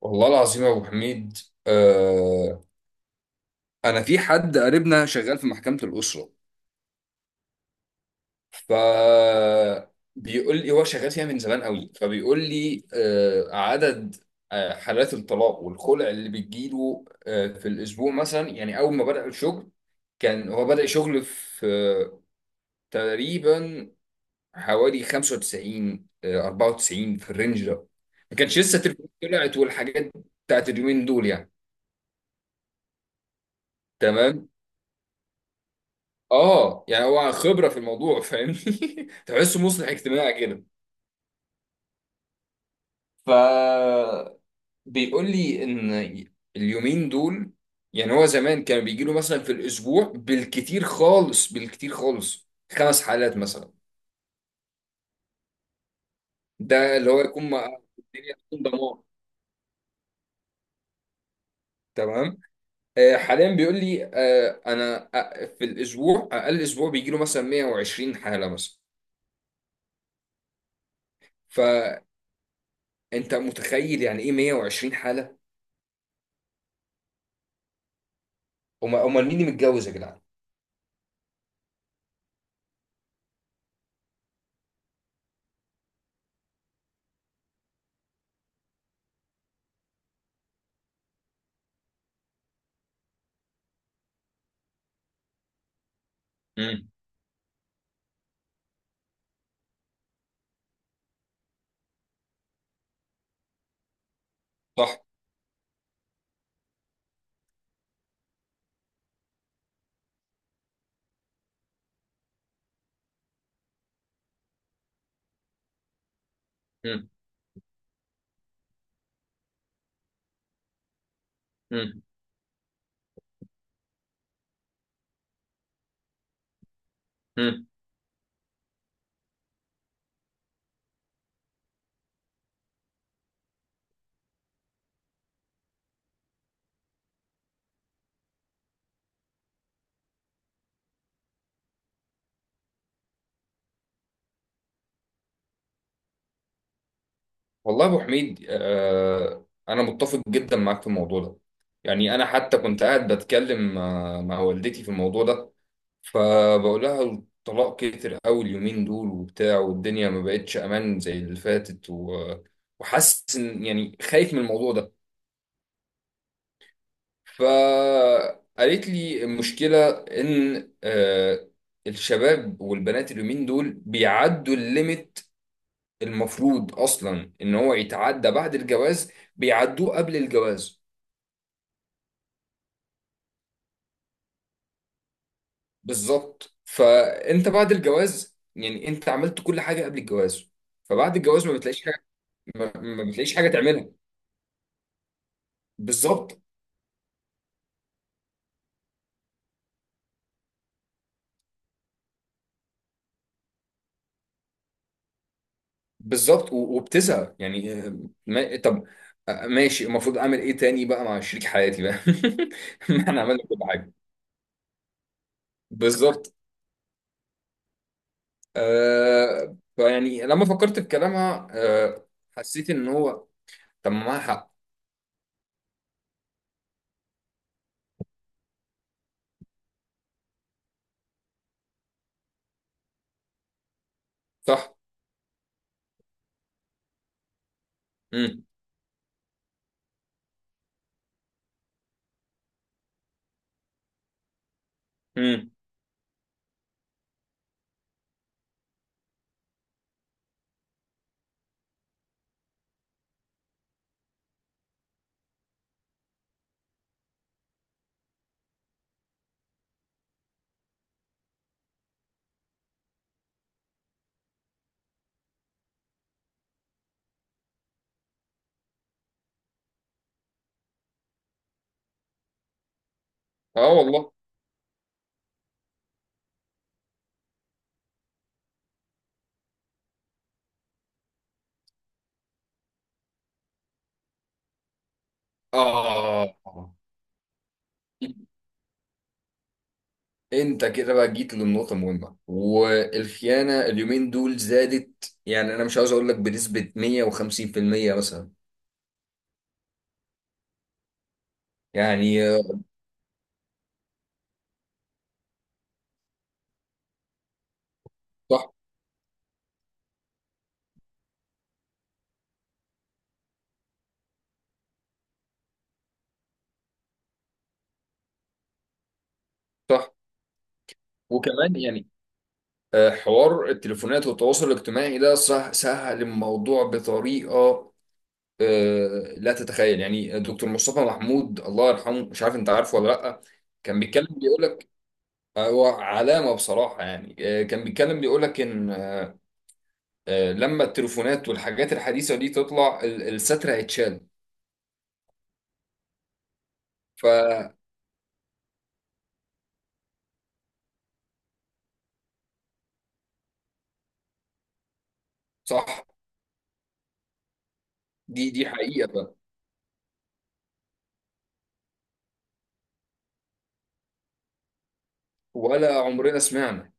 والله العظيم يا ابو حميد، آه انا في حد قريبنا شغال في محكمة الأسرة. ف بيقول لي هو شغال فيها من زمان قوي. فبيقول لي عدد حالات الطلاق والخلع اللي بتجيله في الاسبوع مثلا. يعني اول ما بدأ الشغل كان هو بدأ شغل في آه تقريبا حوالي 95، 94، في الرينج ده. ما كانش لسه التليفونات طلعت والحاجات بتاعت اليومين دول يعني. تمام. اه، يعني هو خبره في الموضوع فاهمني. تحسه مصلح اجتماعي كده. ف بيقول لي ان اليومين دول يعني، هو زمان كان بيجي له مثلا في الاسبوع بالكتير خالص بالكتير خالص خمس حالات مثلا. ده اللي هو يكون مع الدنيا تكون دمار. تمام. حاليا بيقول لي انا في الاسبوع اقل اسبوع بيجي له مثلا 120 حاله مثلا. فانت متخيل يعني ايه 120 حاله؟ امال امال مين اللي متجوز يا جدعان؟ صح. مم. مم. مم. والله يا ابو حميد، انا متفق جدا معاك في الموضوع ده. يعني انا حتى كنت قاعد بتكلم مع والدتي في الموضوع ده، فبقول لها الطلاق كتر قوي اليومين دول وبتاع، والدنيا ما بقتش امان زي اللي فاتت وحاسس ان يعني خايف من الموضوع ده. فقالت لي المشكله ان الشباب والبنات اليومين دول بيعدوا الليميت. المفروض اصلا ان هو يتعدى بعد الجواز، بيعدوه قبل الجواز. بالظبط. فانت بعد الجواز يعني انت عملت كل حاجه قبل الجواز، فبعد الجواز ما بتلاقيش حاجه. ما بتلاقيش حاجه تعملها. بالظبط. بالظبط. وبتزهق يعني ما... طب، ماشي. المفروض اعمل ايه تاني بقى مع شريك حياتي بقى؟ ما احنا عملنا كل حاجه. بالظبط. فيعني لما فكرت في كلامها، حسيت ان هو، طب ما معاها حق. صح. مم. امم. اه والله. آه أنت كده بقى جيت للنقطة المهمة، والخيانة اليومين دول زادت. يعني أنا مش عاوز أقول لك بنسبة 150% مثلا، يعني صح صح. وكمان يعني حوار التليفونات والتواصل الاجتماعي ده صح سهل الموضوع بطريقة. لا تتخيل. يعني دكتور مصطفى محمود الله يرحمه، مش عارف أنت عارفه ولا لأ؟ كان بيتكلم بيقول لك هو علامة بصراحة. يعني كان بيتكلم بيقول لك إن لما التليفونات والحاجات الحديثة دي تطلع، الستر هيتشال. فصح. دي حقيقة بقى، ولا عمرنا سمعنا.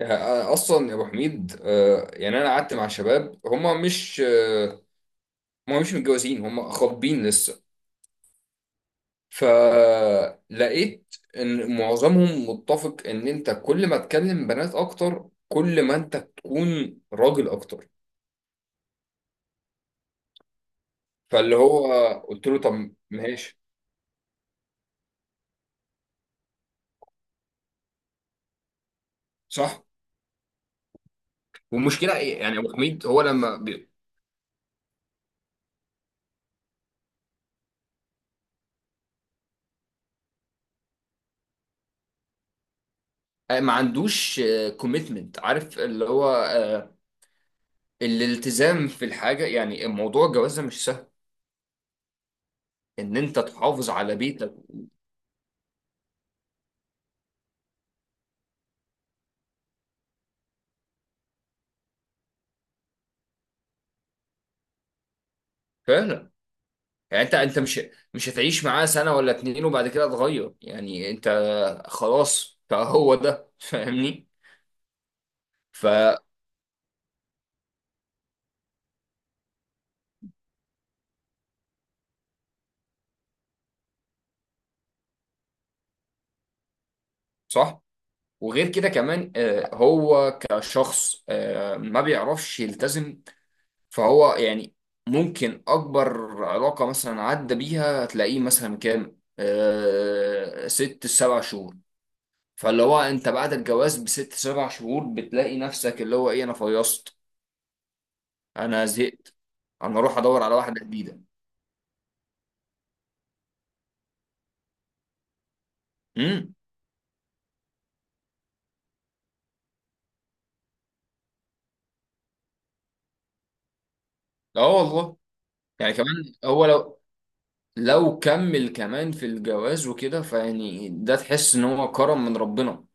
أصلا يا أبو حميد، يعني أنا قعدت مع شباب هما مش هما مش متجوزين، هما خاطبين لسه. فلقيت إن معظمهم متفق إن أنت كل ما تكلم بنات أكتر كل ما أنت تكون راجل أكتر. فاللي هو قلت له طب ماشي. صح. والمشكله ايه يعني يا ابو حميد، هو لما ما عندوش كوميتمنت، عارف اللي هو الالتزام في الحاجه. يعني موضوع الجواز ده مش سهل، ان انت تحافظ على بيتك. فعلا. يعني انت مش هتعيش معاه سنه ولا اتنين وبعد كده تغير. يعني انت خلاص فهو ده فاهمني. فصح. وغير كده كمان، هو كشخص ما بيعرفش يلتزم. فهو يعني ممكن أكبر علاقة مثلا عدى بيها هتلاقيه مثلا كام؟ ست سبع شهور. فاللي هو أنت بعد الجواز بست سبع شهور بتلاقي نفسك اللي هو إيه، أنا فيصت، أنا زهقت، أنا أروح أدور على واحدة جديدة. امم. لا والله. يعني كمان هو لو كمل كمان في الجواز وكده، فيعني ده تحس إن هو كرم من ربنا.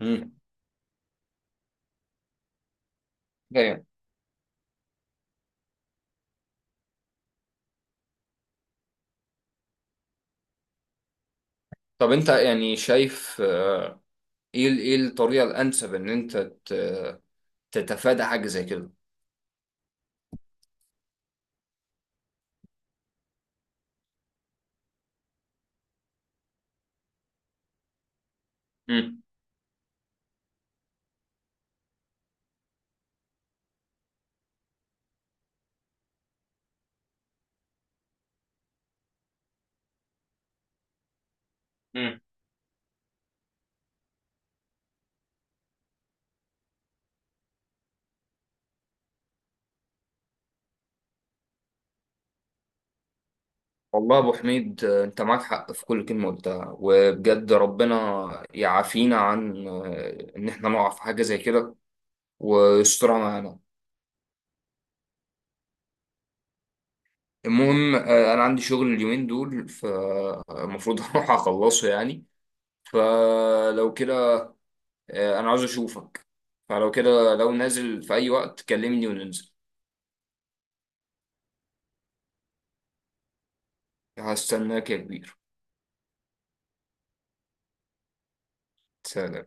امم. طب أنت يعني شايف ايه ايه الطريقه الانسب ان انت تتفادى حاجه زي كده؟ مم. مم. والله يا ابو حميد، انت معاك حق في كل كلمه قلتها. وبجد ربنا يعافينا عن ان احنا نقع في حاجه زي كده ويسترها معانا. المهم، انا عندي شغل اليومين دول فالمفروض هروح اخلصه يعني. فلو كده، انا عاوز اشوفك. فلو كده لو نازل في اي وقت كلمني وننزل. هستناك يا كبير. سلام.